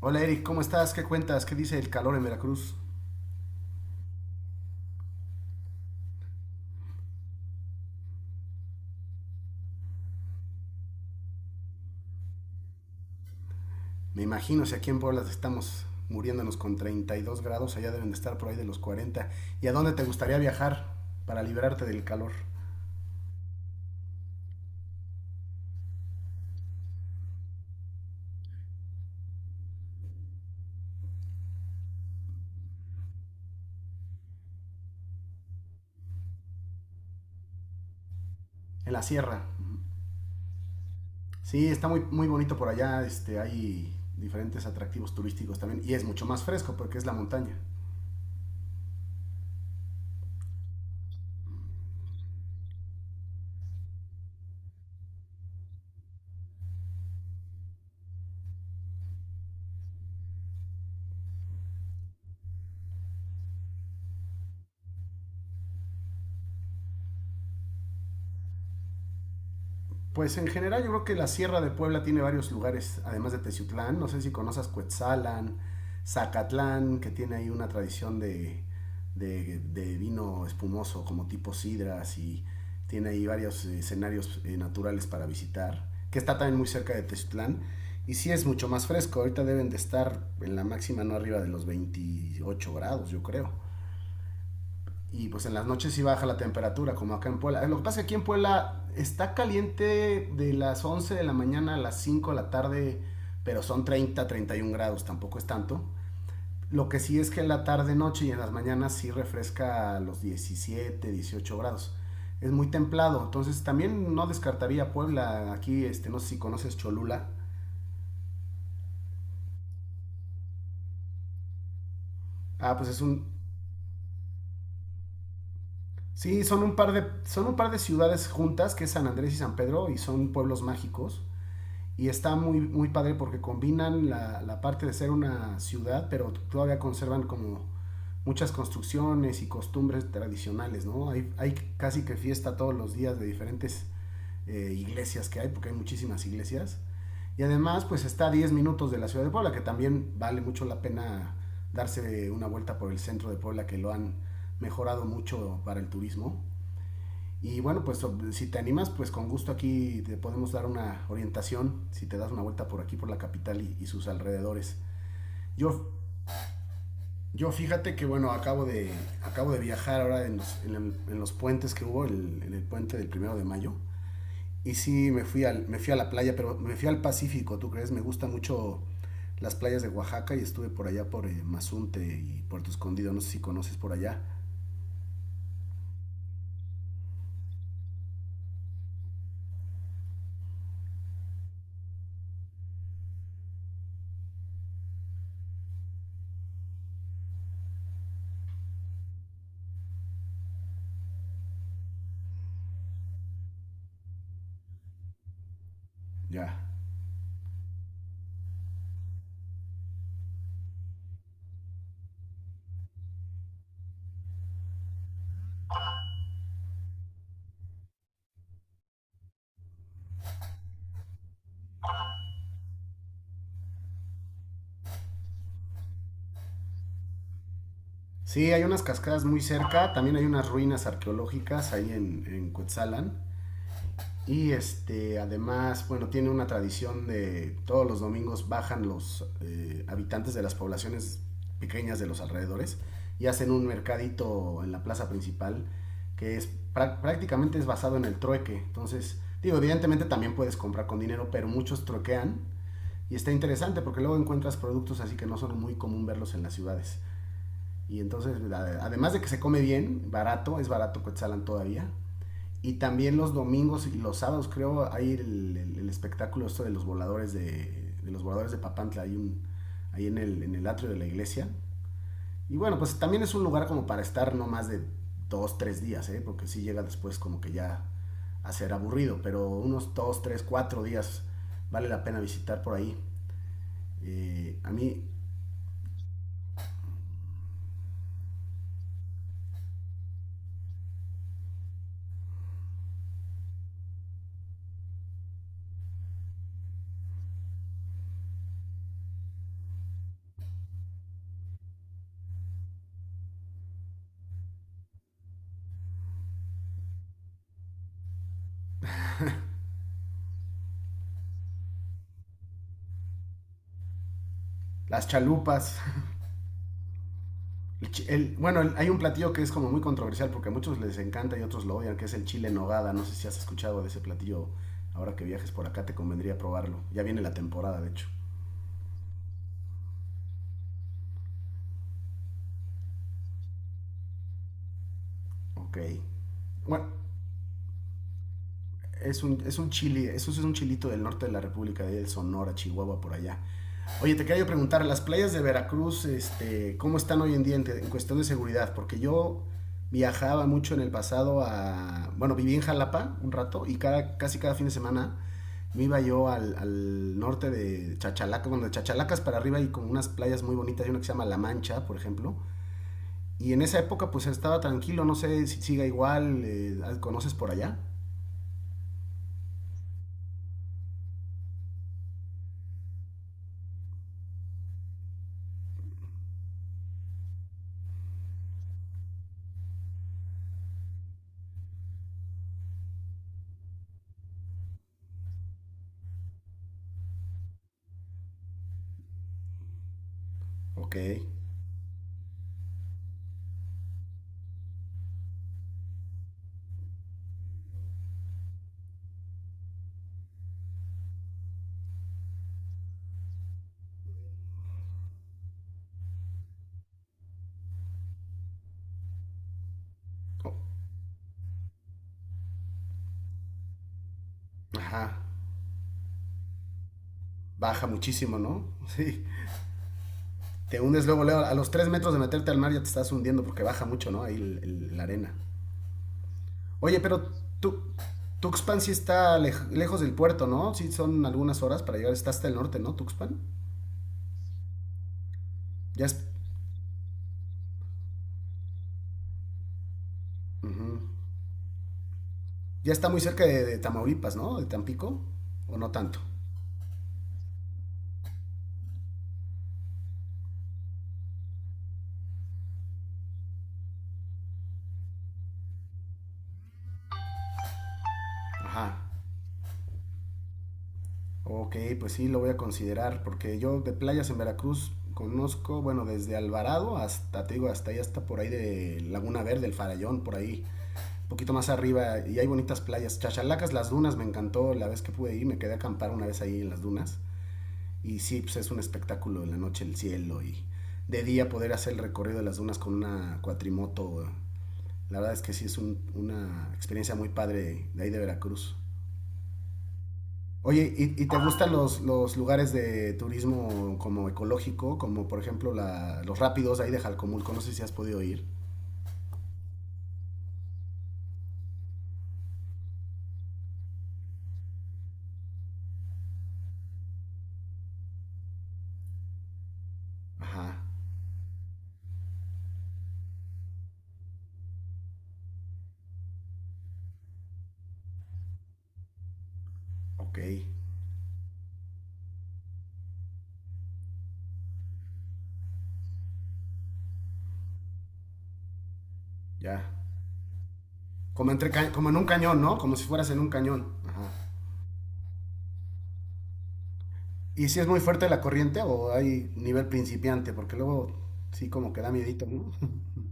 Hola Eric, ¿cómo estás? ¿Qué cuentas? ¿Qué dice el calor en Veracruz? Me imagino si aquí en Puebla estamos muriéndonos con 32 grados, allá deben de estar por ahí de los 40. ¿Y a dónde te gustaría viajar para liberarte del calor? En la sierra. Sí, está muy, muy bonito por allá, hay diferentes atractivos turísticos también y es mucho más fresco porque es la montaña. Pues en general yo creo que la Sierra de Puebla tiene varios lugares, además de Teciutlán, no sé si conoces Cuetzalan, Zacatlán, que tiene ahí una tradición de vino espumoso como tipo sidras y tiene ahí varios escenarios naturales para visitar, que está también muy cerca de Teciutlán. Y sí es mucho más fresco, ahorita deben de estar en la máxima no arriba de los 28 grados, yo creo, y pues en las noches sí baja la temperatura, como acá en Puebla. Lo que pasa es que aquí en Puebla está caliente de las 11 de la mañana a las 5 de la tarde, pero son 31 grados, tampoco es tanto. Lo que sí es que en la tarde, noche y en las mañanas sí refresca a los 17-18 grados. Es muy templado, entonces también no descartaría Puebla. Aquí, no sé si conoces Cholula. Ah, pues es un... Sí, son un par de ciudades juntas, que es San Andrés y San Pedro, y son pueblos mágicos. Y está muy, muy padre porque combinan la parte de ser una ciudad, pero todavía conservan como muchas construcciones y costumbres tradicionales, ¿no? Hay casi que fiesta todos los días de diferentes iglesias que hay, porque hay muchísimas iglesias. Y además, pues está a 10 minutos de la ciudad de Puebla, que también vale mucho la pena darse una vuelta por el centro de Puebla, que lo han mejorado mucho para el turismo. Y bueno, pues si te animas, pues con gusto aquí te podemos dar una orientación si te das una vuelta por aquí, por la capital y sus alrededores. Yo, yo fíjate que bueno, acabo de viajar ahora en los puentes que hubo, en el puente del 1 de mayo. Y sí, me fui a la playa, pero me fui al Pacífico, ¿tú crees? Me gustan mucho las playas de Oaxaca y estuve por allá por Mazunte y Puerto Escondido, no sé si conoces por allá. Ya. Sí, hay unas cascadas muy cerca, también hay unas ruinas arqueológicas ahí en Cuetzalan. Y este, además, bueno, tiene una tradición de todos los domingos bajan los habitantes de las poblaciones pequeñas de los alrededores y hacen un mercadito en la plaza principal que es prácticamente es basado en el trueque. Entonces, digo, evidentemente también puedes comprar con dinero, pero muchos truequean y está interesante porque luego encuentras productos así que no son muy común verlos en las ciudades. Y entonces, además de que se come bien, barato, es barato Cuetzalan todavía. Y también los domingos y los sábados, creo, hay el espectáculo esto de los voladores de los voladores de Papantla. Hay un, ahí en en el atrio de la iglesia. Y bueno, pues también es un lugar como para estar no más de dos, tres días, ¿eh? Porque si sí llega después como que ya a ser aburrido, pero unos dos, tres, cuatro días vale la pena visitar por ahí. A mí, las chalupas. Bueno, hay un platillo que es como muy controversial porque a muchos les encanta y otros lo odian, que es el chile en nogada. No sé si has escuchado de ese platillo. Ahora que viajes por acá te convendría probarlo. Ya viene la temporada, de hecho. Ok. Bueno, es un chile, eso sí es un chilito del norte de la República, de Sonora, Chihuahua, por allá. Oye, te quería yo preguntar, las playas de Veracruz, ¿cómo están hoy en día en cuestión de seguridad? Porque yo viajaba mucho en el pasado a, bueno, viví en Jalapa un rato y cada, casi cada fin de semana me iba yo al norte de Chachalacas, bueno, de Chachalacas para arriba y con unas playas muy bonitas, hay una que se llama La Mancha, por ejemplo. Y en esa época pues estaba tranquilo, no sé si siga igual, ¿conoces por allá? Ok. Ajá. Baja muchísimo, ¿no? Sí. Te hundes luego, luego. A los 3 metros de meterte al mar ya te estás hundiendo porque baja mucho, ¿no? Ahí la arena. Oye, pero tú, Tuxpan sí está lejos del puerto, ¿no? Sí son algunas horas para llegar. Está hasta el norte, ¿no? Tuxpan. Ya, ujú. Ya está muy cerca de Tamaulipas, ¿no? De Tampico. O no tanto. Ajá. Ok, pues sí, lo voy a considerar, porque yo de playas en Veracruz conozco, bueno, desde Alvarado hasta, te digo, hasta ahí, hasta por ahí de Laguna Verde, el Farallón, por ahí, un poquito más arriba, y hay bonitas playas. Chachalacas, las dunas, me encantó la vez que pude ir, me quedé a acampar una vez ahí en las dunas, y sí, pues es un espectáculo en la noche el cielo, y de día poder hacer el recorrido de las dunas con una cuatrimoto, la verdad es que sí es una experiencia muy padre de ahí de Veracruz. Oye, ¿Y te gustan lugares de turismo como ecológico, como por ejemplo los rápidos ahí de Jalcomulco? No sé si has podido ir. Ajá, ok, ya. Como en un cañón, ¿no? Como si fueras en un cañón. Ajá. ¿Y si es muy fuerte la corriente o hay nivel principiante? Porque luego sí como que da miedito, ¿no?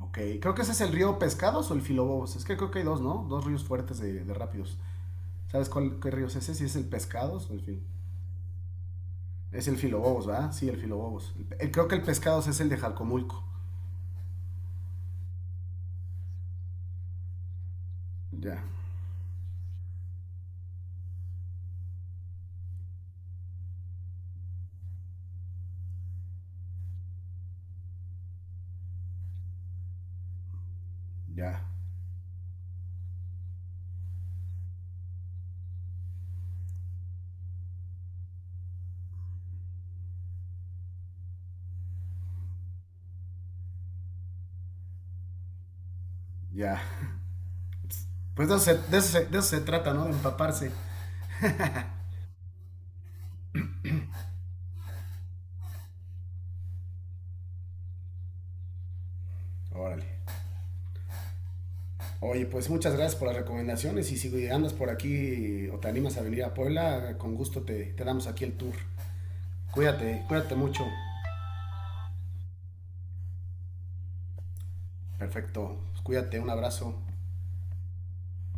Ok, creo que ese es el río Pescados o el Filobobos. Es que creo que hay dos, ¿no? Dos ríos fuertes de rápidos. ¿Sabes qué río es ese? Si es el Pescados o el Filobobos. Es el Filobobos, ¿verdad? Sí, el Filobobos. Creo que el pescado es el de Jalcomulco. Ya, ya, ya. Pues de eso se trata, ¿no? De empaparse. Órale. Oye, pues muchas gracias por las recomendaciones y si andas por aquí o te animas a venir a Puebla, con gusto te damos aquí el tour. Cuídate, cuídate mucho. Perfecto. Pues cuídate, un abrazo.